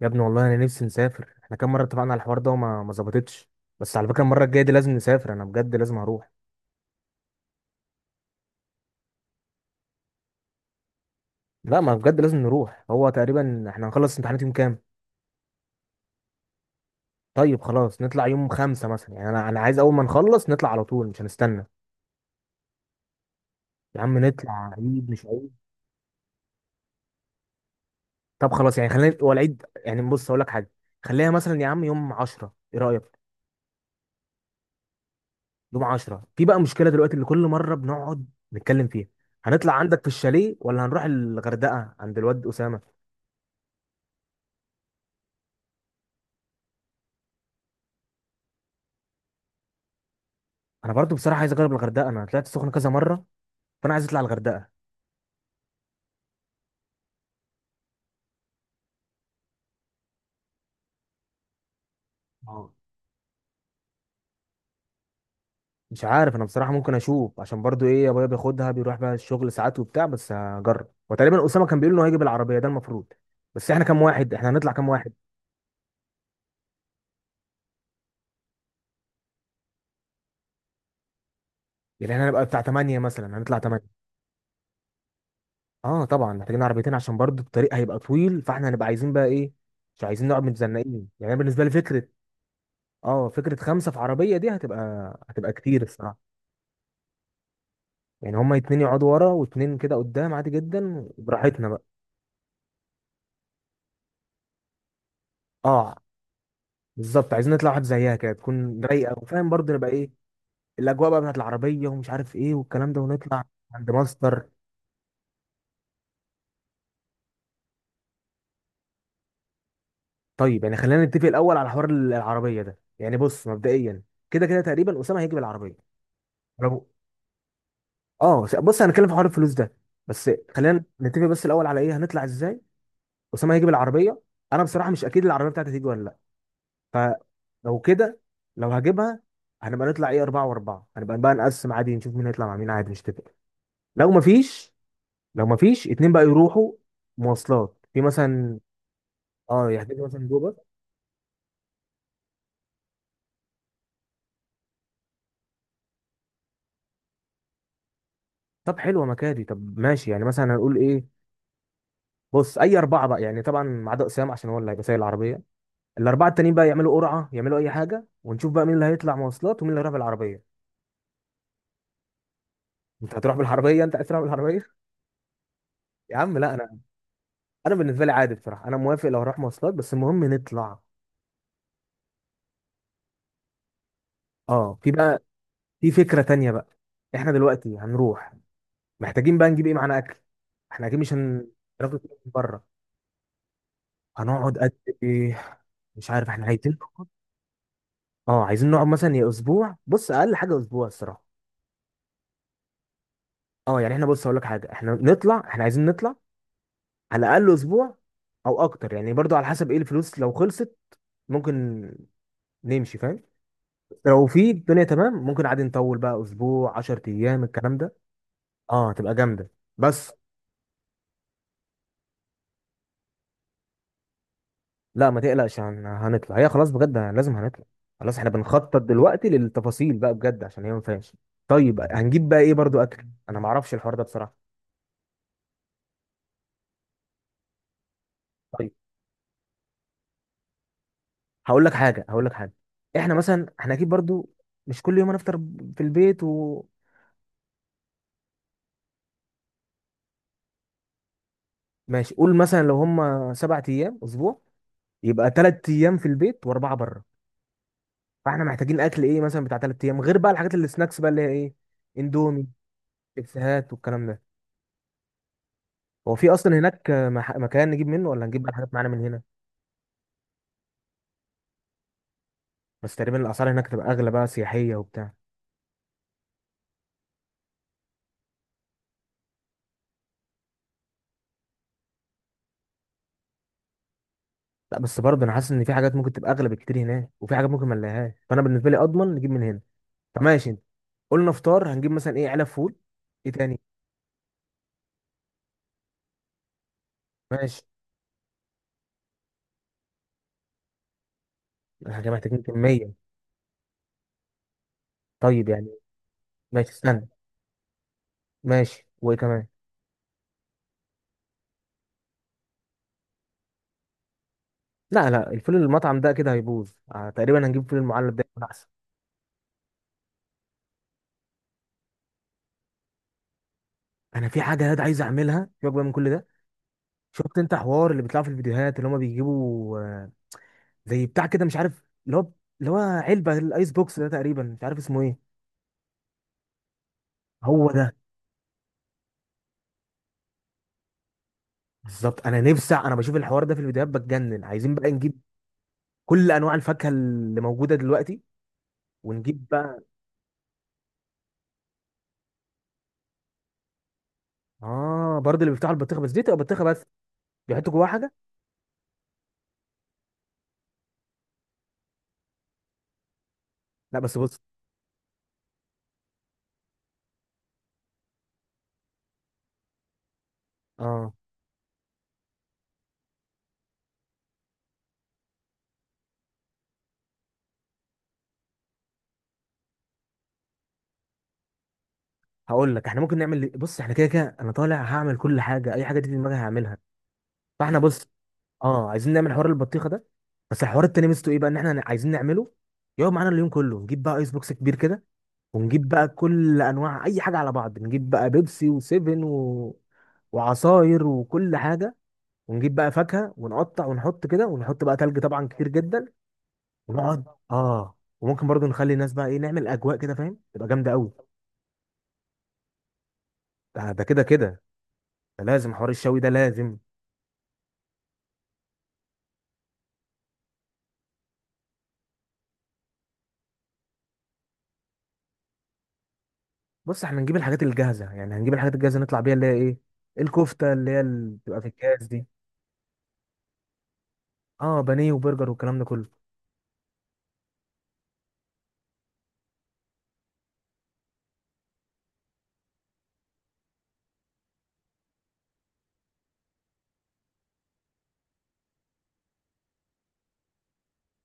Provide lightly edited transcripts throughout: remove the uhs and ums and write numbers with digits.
يا ابني والله انا نفسي نسافر. احنا كام مره اتفقنا على الحوار ده وما ما ظبطتش. بس على فكره المره الجايه دي لازم نسافر، انا بجد لازم هروح. لا ما بجد لازم نروح، هو تقريبا احنا هنخلص امتحانات يوم كام؟ طيب خلاص نطلع يوم خمسة مثلا، يعني انا عايز اول ما نخلص نطلع على طول، مش هنستنى. يا عم نطلع عيد مش عيد. طب خلاص يعني خلينا هو العيد، يعني بص اقول لك حاجه. خليها مثلا يا عم يوم 10، ايه رايك؟ يوم 10 في بقى مشكله دلوقتي اللي كل مره بنقعد نتكلم فيها. هنطلع عندك في الشاليه ولا هنروح الغردقه عند الواد اسامه؟ انا برضو بصراحه عايز اجرب الغردقه، انا طلعت السخنه كذا مره فانا عايز اطلع الغردقه. اه، مش عارف انا بصراحه، ممكن اشوف عشان برضو ايه ابويا بياخدها بيروح بقى الشغل ساعات وبتاع، بس هجرب. وتقريبا اسامه كان بيقول انه هيجي بالعربيه ده المفروض. بس احنا كام واحد، احنا هنطلع كام واحد؟ يعني احنا هنبقى بتاع 8 مثلا، هنطلع 8. اه طبعا محتاجين عربيتين عشان برضو الطريق هيبقى طويل، فاحنا هنبقى عايزين بقى ايه، مش عايزين نقعد متزنقين. يعني أنا بالنسبه لي فكره، اه فكره خمسه في عربيه دي هتبقى، هتبقى كتير الصراحه. يعني هما اتنين يقعدوا ورا واتنين كده قدام عادي جدا، براحتنا. اه بالظبط، عايزين نطلع واحد زيها كده تكون رايقه وفاهم برضه، نبقى ايه الاجواء بقى بتاعت العربيه ومش عارف ايه والكلام ده، ونطلع عند ماستر. طيب يعني خلينا نتفق الاول على حوار العربيه ده، يعني بص مبدئيا كده كده تقريبا اسامه هيجي بالعربيه. برافو. اه، بص هنتكلم في حوار الفلوس ده، بس خلينا نتفق بس الاول على ايه هنطلع ازاي. اسامه هيجي بالعربيه، انا بصراحه مش اكيد العربيه بتاعتي هتيجي ولا لا. فلو كده لو هجيبها هنبقى نطلع ايه اربعه واربعه، هنبقى بقى نقسم عادي نشوف مين هيطلع مع مين عادي مش تفق. لو مفيش لو مفيش اتنين بقى يروحوا مواصلات في مثلا، اه يحجزوا مثلا جو باص. طب حلوه مكادي، طب ماشي يعني مثلا هنقول ايه. بص اي اربعه بقى يعني طبعا ما عدا اسامه عشان هو اللي هيبقى سايق العربيه. الاربعه التانيين بقى يعملوا قرعه يعملوا اي حاجه ونشوف بقى مين اللي هيطلع مواصلات ومين اللي هيروح بالعربيه. انت هتروح بالعربيه، انت عايز تروح بالعربيه؟ يا عم لا، انا، انا بالنسبه لي عادي بصراحه انا موافق لو هروح مواصلات، بس المهم نطلع. اه في بقى، في فكره تانيه بقى. احنا دلوقتي هنروح محتاجين بقى نجيب ايه معانا، اكل. احنا اكيد مش هناكل من بره. هنقعد قد ايه، مش عارف احنا عايزين، اه عايزين نقعد مثلا يا اسبوع، بص اقل حاجه اسبوع الصراحه. اه يعني احنا بص هقول لك حاجه، احنا نطلع احنا عايزين نطلع على الاقل اسبوع او اكتر، يعني برضو على حسب ايه الفلوس، لو خلصت ممكن نمشي فاهم. لو في الدنيا تمام ممكن عادي نطول بقى اسبوع 10 ايام الكلام ده، اه هتبقى جامده. بس لا ما تقلقش هنطلع، هي خلاص بجد لازم هنطلع. خلاص احنا بنخطط دلوقتي للتفاصيل بقى بجد عشان هي ما فيهاش. طيب هنجيب بقى ايه برضو اكل، انا ما اعرفش الحوار ده بصراحه. طيب هقول لك حاجه، احنا اكيد برضو مش كل يوم هنفطر في البيت. و... ماشي قول مثلا لو هم سبع ايام اسبوع يبقى ثلاث ايام في البيت واربعه بره. فاحنا محتاجين اكل ايه مثلا بتاع ثلاث ايام، غير بقى الحاجات اللي سناكس بقى اللي هي ايه، اندومي، شيبسيهات والكلام ده. هو في اصلا هناك مكان نجيب منه ولا نجيب بقى الحاجات معانا من هنا؟ بس تقريبا الاسعار هناك تبقى اغلى بقى سياحيه وبتاع. لا بس برضه انا حاسس ان في حاجات ممكن تبقى اغلى بكتير هناك، وفي حاجات ممكن ما نلاقيهاش، فانا بالنسبه لي اضمن نجيب من هنا. فماشي انت. قلنا فطار هنجيب مثلا ايه، علب فول. ايه تاني؟ ماشي، احنا محتاجين كميه. طيب يعني ماشي استنى، ماشي، وايه كمان؟ لا لا، الفول المطعم ده كده هيبوظ آه، تقريبا هنجيب فول المعلب ده يكون احسن. انا في حاجه ياد عايز اعملها، سيبك بقى من كل ده. شفت انت حوار اللي بيطلع في الفيديوهات اللي هما بيجيبوا آه، زي بتاع كده مش عارف اللي هو، اللي هو علبه الايس بوكس ده، تقريبا مش عارف اسمه ايه. هو ده بالظبط، انا نفسي، انا بشوف الحوار ده في الفيديوهات بتجنن، عايزين بقى نجيب كل انواع الفاكهه اللي موجوده دلوقتي. ونجيب بقى اه برضه اللي بيفتحوا البطيخه، بس دي تبقى بطيخه بس، بيحطوا جواها حاجه. لا بس بص، اه هقول لك احنا ممكن نعمل، بص احنا كده كده انا طالع هعمل كل حاجه، اي حاجه دي في دماغي هعملها. فاحنا بص، اه عايزين نعمل حوار البطيخه ده، بس الحوار التاني ميزته ايه بقى ان احنا عايزين نعمله يقعد معانا اليوم كله. نجيب بقى ايس بوكس كبير كده، ونجيب بقى كل انواع اي حاجه على بعض، نجيب بقى بيبسي وسيفن و... وعصاير وكل حاجه، ونجيب بقى فاكهه ونقطع ونحط كده، ونحط بقى تلج طبعا كتير جدا، ونقعد. اه وممكن برضو نخلي الناس بقى ايه، نعمل اجواء كده فاهم تبقى جامده قوي. ده كده كده، ده لازم، حوار الشوي ده لازم. بص احنا نجيب الحاجات الجاهزه، يعني هنجيب الحاجات الجاهزه نطلع بيها اللي هي ايه، الكفته اللي هي اللي بتبقى في الكاس دي. اه بانيه وبرجر والكلام ده كله.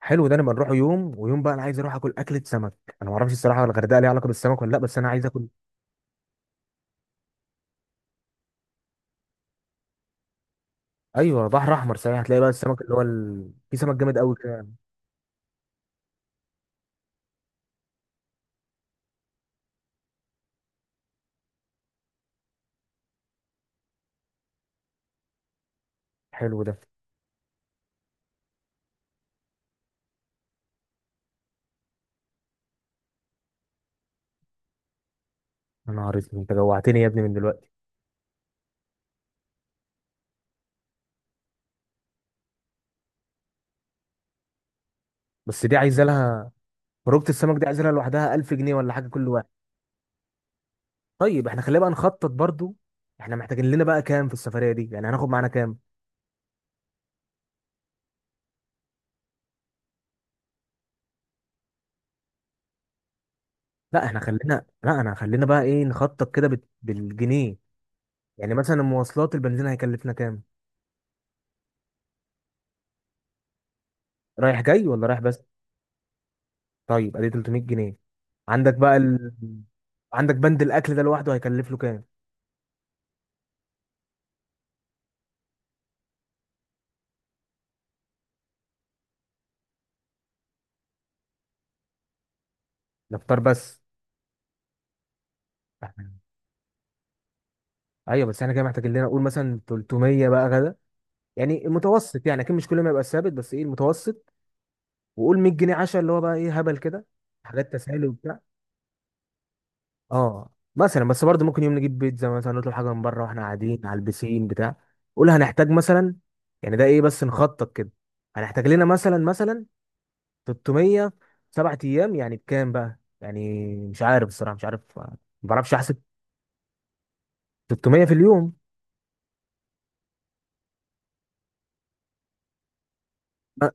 حلو ده، نبقى نروح يوم ويوم بقى. انا عايز اروح اكل اكله سمك، انا ما اعرفش الصراحه الغردقه ليها علاقه بالسمك ولا لا، بس انا عايز اكل. ايوه بحر احمر صحيح، هتلاقي بقى السمك اللي هو في سمك جامد قوي كده. حلو ده. يا نهار اسود انت جوعتني يا ابني من دلوقتي، بس دي عايزه لها خروجه، السمك دي عايزه لها لوحدها 1000 جنيه ولا حاجه كل واحد. طيب احنا خلينا بقى نخطط برضو، احنا محتاجين لنا بقى كام في السفريه دي، يعني هناخد معانا كام؟ لا احنا خلينا، لا انا خلينا بقى ايه نخطط كده بالجنيه. يعني مثلا المواصلات البنزين هيكلفنا كام، رايح جاي ولا رايح بس؟ طيب ادي 300 جنيه، عندك بقى عندك بند الاكل ده لوحده هيكلف له كام؟ ده فطار بس. إحنا- ايوه بس احنا كده محتاجين لنا نقول مثلا 300 بقى غدا، يعني المتوسط، يعني اكيد مش كل ما يبقى ثابت بس ايه المتوسط. وقول 100 جنيه عشاء اللي هو بقى ايه هبل كده، حاجات تسالي وبتاع. اه مثلا بس برضه ممكن يوم نجيب بيتزا مثلا، نطلب حاجه من بره واحنا قاعدين على البسين بتاع قول هنحتاج مثلا، يعني ده ايه بس نخطط كده. هنحتاج لنا مثلا 300 سبع ايام، يعني بكام بقى، يعني مش عارف الصراحه، مش عارف، ما بعرفش احسب. 300 في اليوم، م-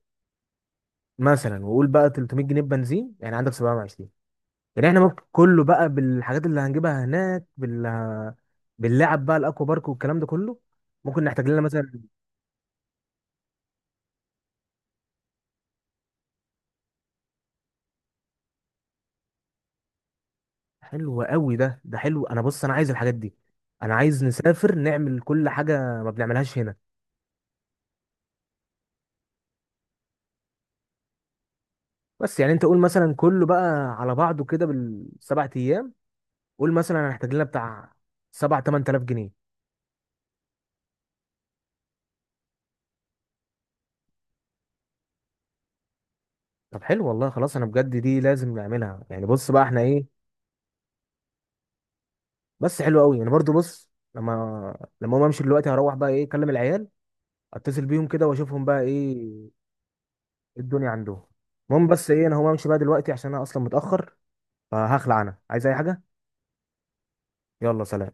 مثلا. وقول بقى 300 جنيه بنزين يعني عندك 720. يعني احنا ممكن كله بقى بالحاجات اللي هنجيبها هناك باللعب بقى الاكوا بارك والكلام ده كله، ممكن نحتاج لنا مثلا. حلو قوي ده، ده حلو. انا بص انا عايز الحاجات دي، انا عايز نسافر نعمل كل حاجه ما بنعملهاش هنا. بس يعني انت قول مثلا كله بقى على بعضه كده بالسبع ايام، قول مثلا انا هحتاج لنا بتاع 7 8000 جنيه. طب حلو والله، خلاص انا بجد دي لازم نعملها، يعني بص بقى احنا ايه. بس حلو قوي، يعني برضو بص، لما اقوم امشي دلوقتي هروح بقى ايه اكلم العيال، اتصل بيهم كده واشوفهم بقى ايه، إيه الدنيا عندهم. المهم بس ايه، انا هقوم امشي بقى دلوقتي عشان انا اصلا متاخر، فهخلع انا عايز اي حاجه. يلا سلام.